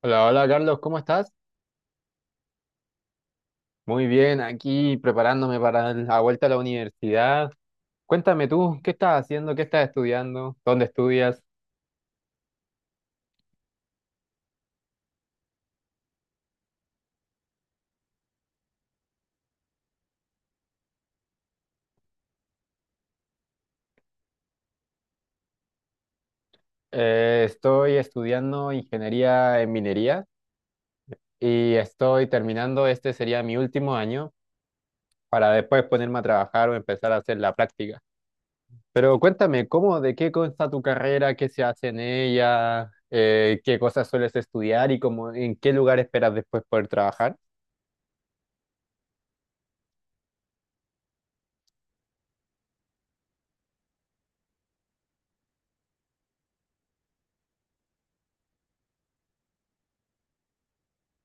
Hola, hola Carlos, ¿cómo estás? Muy bien, aquí preparándome para la vuelta a la universidad. Cuéntame tú, ¿qué estás haciendo? ¿Qué estás estudiando? ¿Dónde estudias? Estoy estudiando ingeniería en minería y estoy terminando, este sería mi último año para después ponerme a trabajar o empezar a hacer la práctica. Pero cuéntame, ¿cómo, de qué consta tu carrera? ¿Qué se hace en ella? ¿Qué cosas sueles estudiar y cómo, en qué lugar esperas después poder trabajar?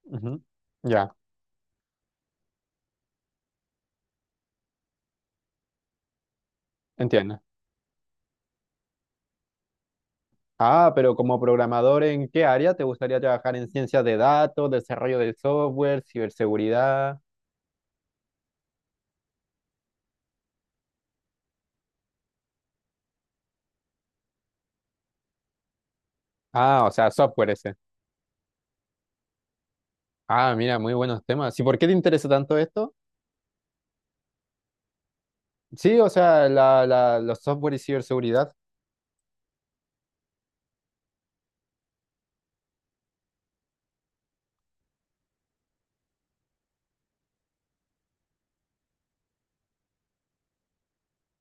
Ujú. Ya, entiendo. Ah, pero como programador, ¿en qué área te gustaría trabajar? ¿En ciencias de datos, desarrollo de software, ciberseguridad? Ah, o sea, software ese. Ah, mira, muy buenos temas. ¿Y por qué te interesa tanto esto? Sí, o sea, los software y ciberseguridad.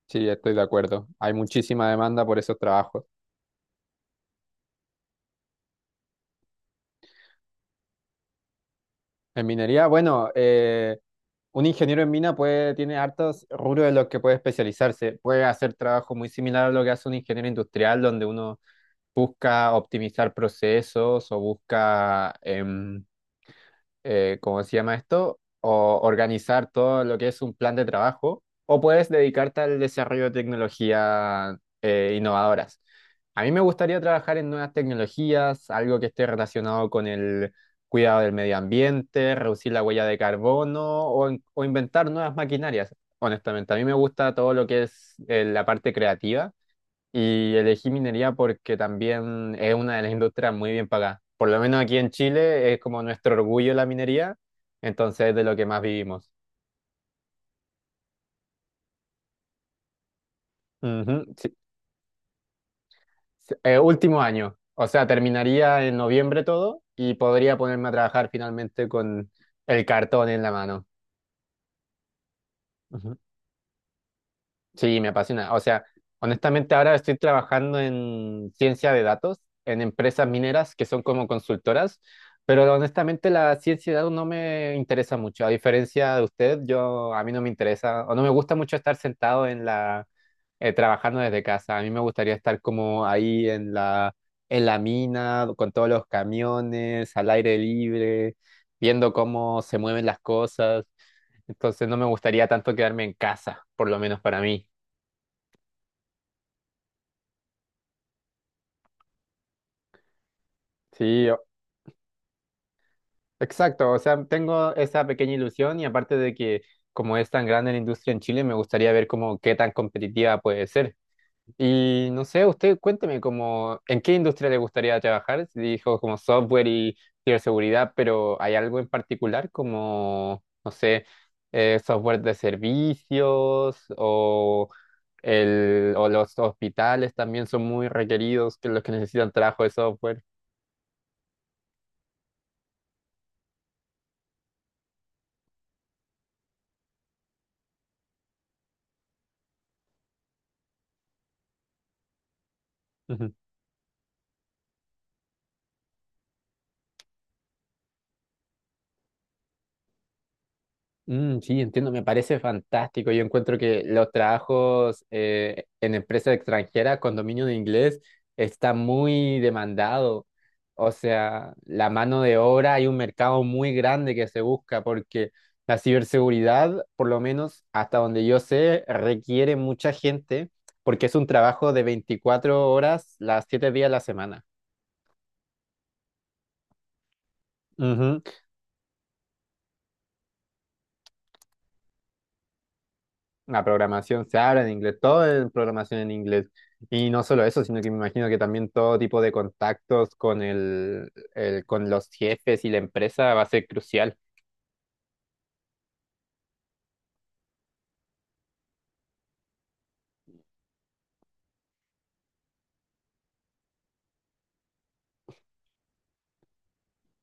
Sí, estoy de acuerdo. Hay muchísima demanda por esos trabajos. En minería, bueno, un ingeniero en mina puede, tiene hartos rubros en los que puede especializarse. Puede hacer trabajo muy similar a lo que hace un ingeniero industrial, donde uno busca optimizar procesos o busca ¿cómo se llama esto? O organizar todo lo que es un plan de trabajo, o puedes dedicarte al desarrollo de tecnologías innovadoras. A mí me gustaría trabajar en nuevas tecnologías, algo que esté relacionado con el cuidado del medio ambiente, reducir la huella de carbono o, o inventar nuevas maquinarias. Honestamente, a mí me gusta todo lo que es la parte creativa y elegí minería porque también es una de las industrias muy bien pagadas. Por lo menos aquí en Chile es como nuestro orgullo la minería, entonces es de lo que más vivimos. Ujú, sí. Sí, último año, o sea, terminaría en noviembre todo y podría ponerme a trabajar finalmente con el cartón en la mano. Sí, me apasiona. O sea, honestamente ahora estoy trabajando en ciencia de datos, en empresas mineras que son como consultoras, pero honestamente la ciencia de datos no me interesa mucho. A diferencia de usted, yo a mí no me interesa o no me gusta mucho estar sentado en la trabajando desde casa. A mí me gustaría estar como ahí en la mina con todos los camiones, al aire libre, viendo cómo se mueven las cosas. Entonces no me gustaría tanto quedarme en casa, por lo menos para mí. Sí, o- exacto. O sea, tengo esa pequeña ilusión y aparte de que como es tan grande la industria en Chile, me gustaría ver como qué tan competitiva puede ser. Y no sé, usted cuénteme como en qué industria le gustaría trabajar. Si dijo como software y ciberseguridad, pero ¿hay algo en particular como, no sé, software de servicios o, o los hospitales también son muy requeridos que los que necesitan trabajo de software? Mm, sí, entiendo, me parece fantástico. Yo encuentro que los trabajos en empresas extranjeras con dominio de inglés está muy demandado. O sea, la mano de obra hay un mercado muy grande que se busca porque la ciberseguridad, por lo menos hasta donde yo sé, requiere mucha gente porque es un trabajo de 24 horas, las 7 días a la semana. La programación se habla en inglés, todo es programación en inglés. Y no solo eso, sino que me imagino que también todo tipo de contactos con con los jefes y la empresa va a ser crucial.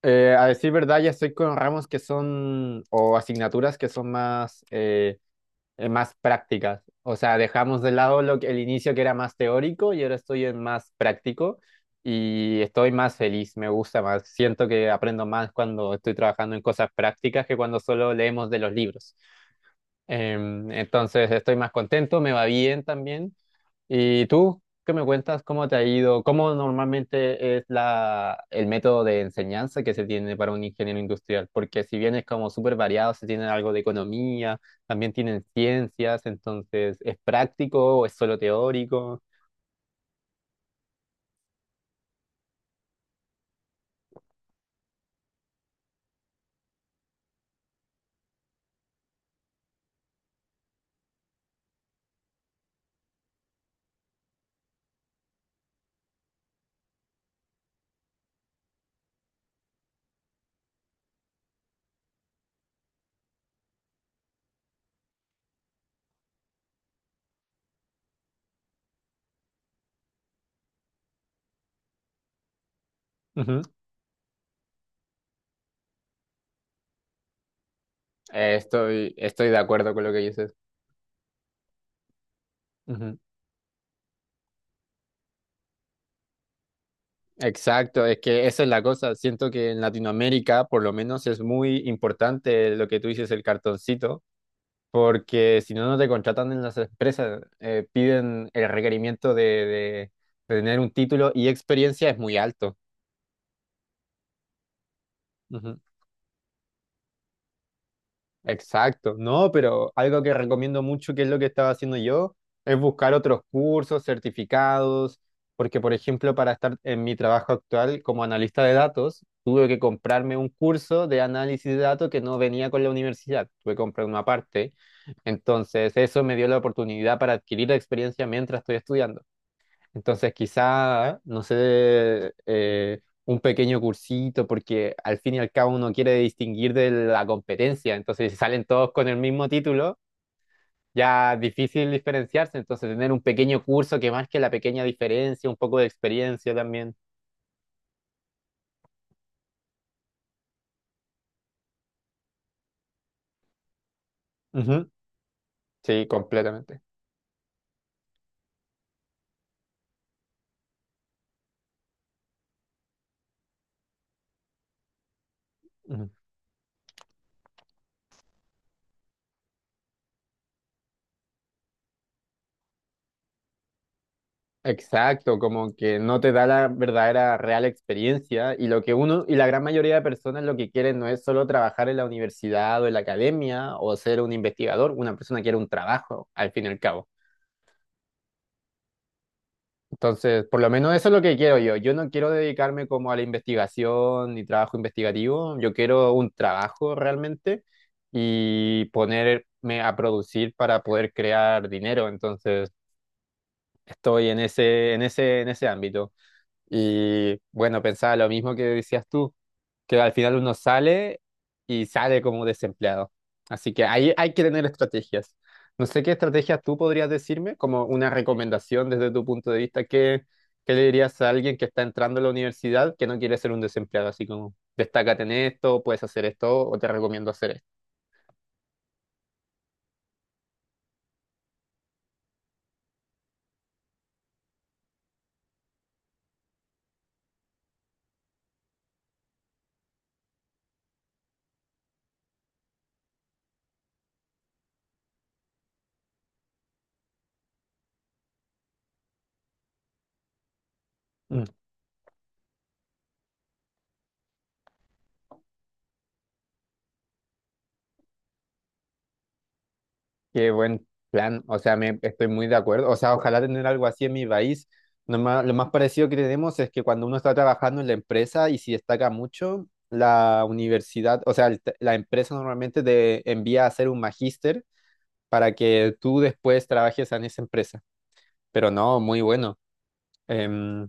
A decir verdad, ya estoy con ramos que son, o asignaturas que son más, más prácticas. O sea, dejamos de lado lo que, el inicio que era más teórico y ahora estoy en más práctico y estoy más feliz, me gusta más. Siento que aprendo más cuando estoy trabajando en cosas prácticas que cuando solo leemos de los libros. Entonces estoy más contento, me va bien también. ¿Y tú qué me cuentas? ¿Cómo te ha ido? ¿Cómo normalmente es el método de enseñanza que se tiene para un ingeniero industrial? Porque si bien es como súper variado, se tiene algo de economía, también tienen ciencias, entonces ¿es práctico o es solo teórico? Ujú. Estoy de acuerdo con lo que dices. Ujú. Exacto, es que esa es la cosa. Siento que en Latinoamérica, por lo menos, es muy importante lo que tú dices, el cartoncito. Porque si no, no te contratan en las empresas. Piden el requerimiento de tener un título y experiencia es muy alto. Ujú. Exacto, no, pero algo que recomiendo mucho, que es lo que estaba haciendo yo, es buscar otros cursos, certificados, porque por ejemplo, para estar en mi trabajo actual como analista de datos, tuve que comprarme un curso de análisis de datos que no venía con la universidad, tuve que comprar una parte. Entonces, eso me dio la oportunidad para adquirir experiencia mientras estoy estudiando. Entonces, quizá, no sé, un pequeño cursito, porque al fin y al cabo uno quiere distinguir de la competencia. Entonces, si salen todos con el mismo título, ya es difícil diferenciarse. Entonces, tener un pequeño curso que marque la pequeña diferencia, un poco de experiencia también. Ujú. Sí, completamente. Ujú. Exacto, como que no te da la verdadera real experiencia y lo que uno y la gran mayoría de personas lo que quieren no es solo trabajar en la universidad o en la academia o ser un investigador, una persona quiere un trabajo al fin y al cabo. Entonces, por lo menos eso es lo que quiero yo. Yo no quiero dedicarme como a la investigación ni trabajo investigativo, yo quiero un trabajo realmente y ponerme a producir para poder crear dinero. Entonces, estoy en ese ámbito. Y bueno, pensaba lo mismo que decías tú, que al final uno sale y sale como desempleado. Así que ahí hay que tener estrategias. No sé qué estrategias tú podrías decirme, como una recomendación desde tu punto de vista, ¿qué le dirías a alguien que está entrando a la universidad que no quiere ser un desempleado? Así como, destácate en esto, puedes hacer esto o te recomiendo hacer esto. Qué buen plan, o sea, me estoy muy de acuerdo, o sea, ojalá tener algo así en mi país. Lo más parecido que tenemos es que cuando uno está trabajando en la empresa y si destaca mucho, la universidad, o sea, la empresa normalmente te envía a hacer un magíster para que tú después trabajes en esa empresa. Pero no, muy bueno. Em,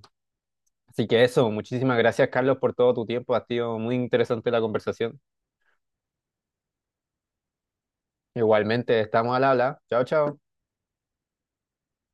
Así que eso, muchísimas gracias, Carlos, por todo tu tiempo. Ha sido muy interesante la conversación. Igualmente, estamos al habla. Chao, chao.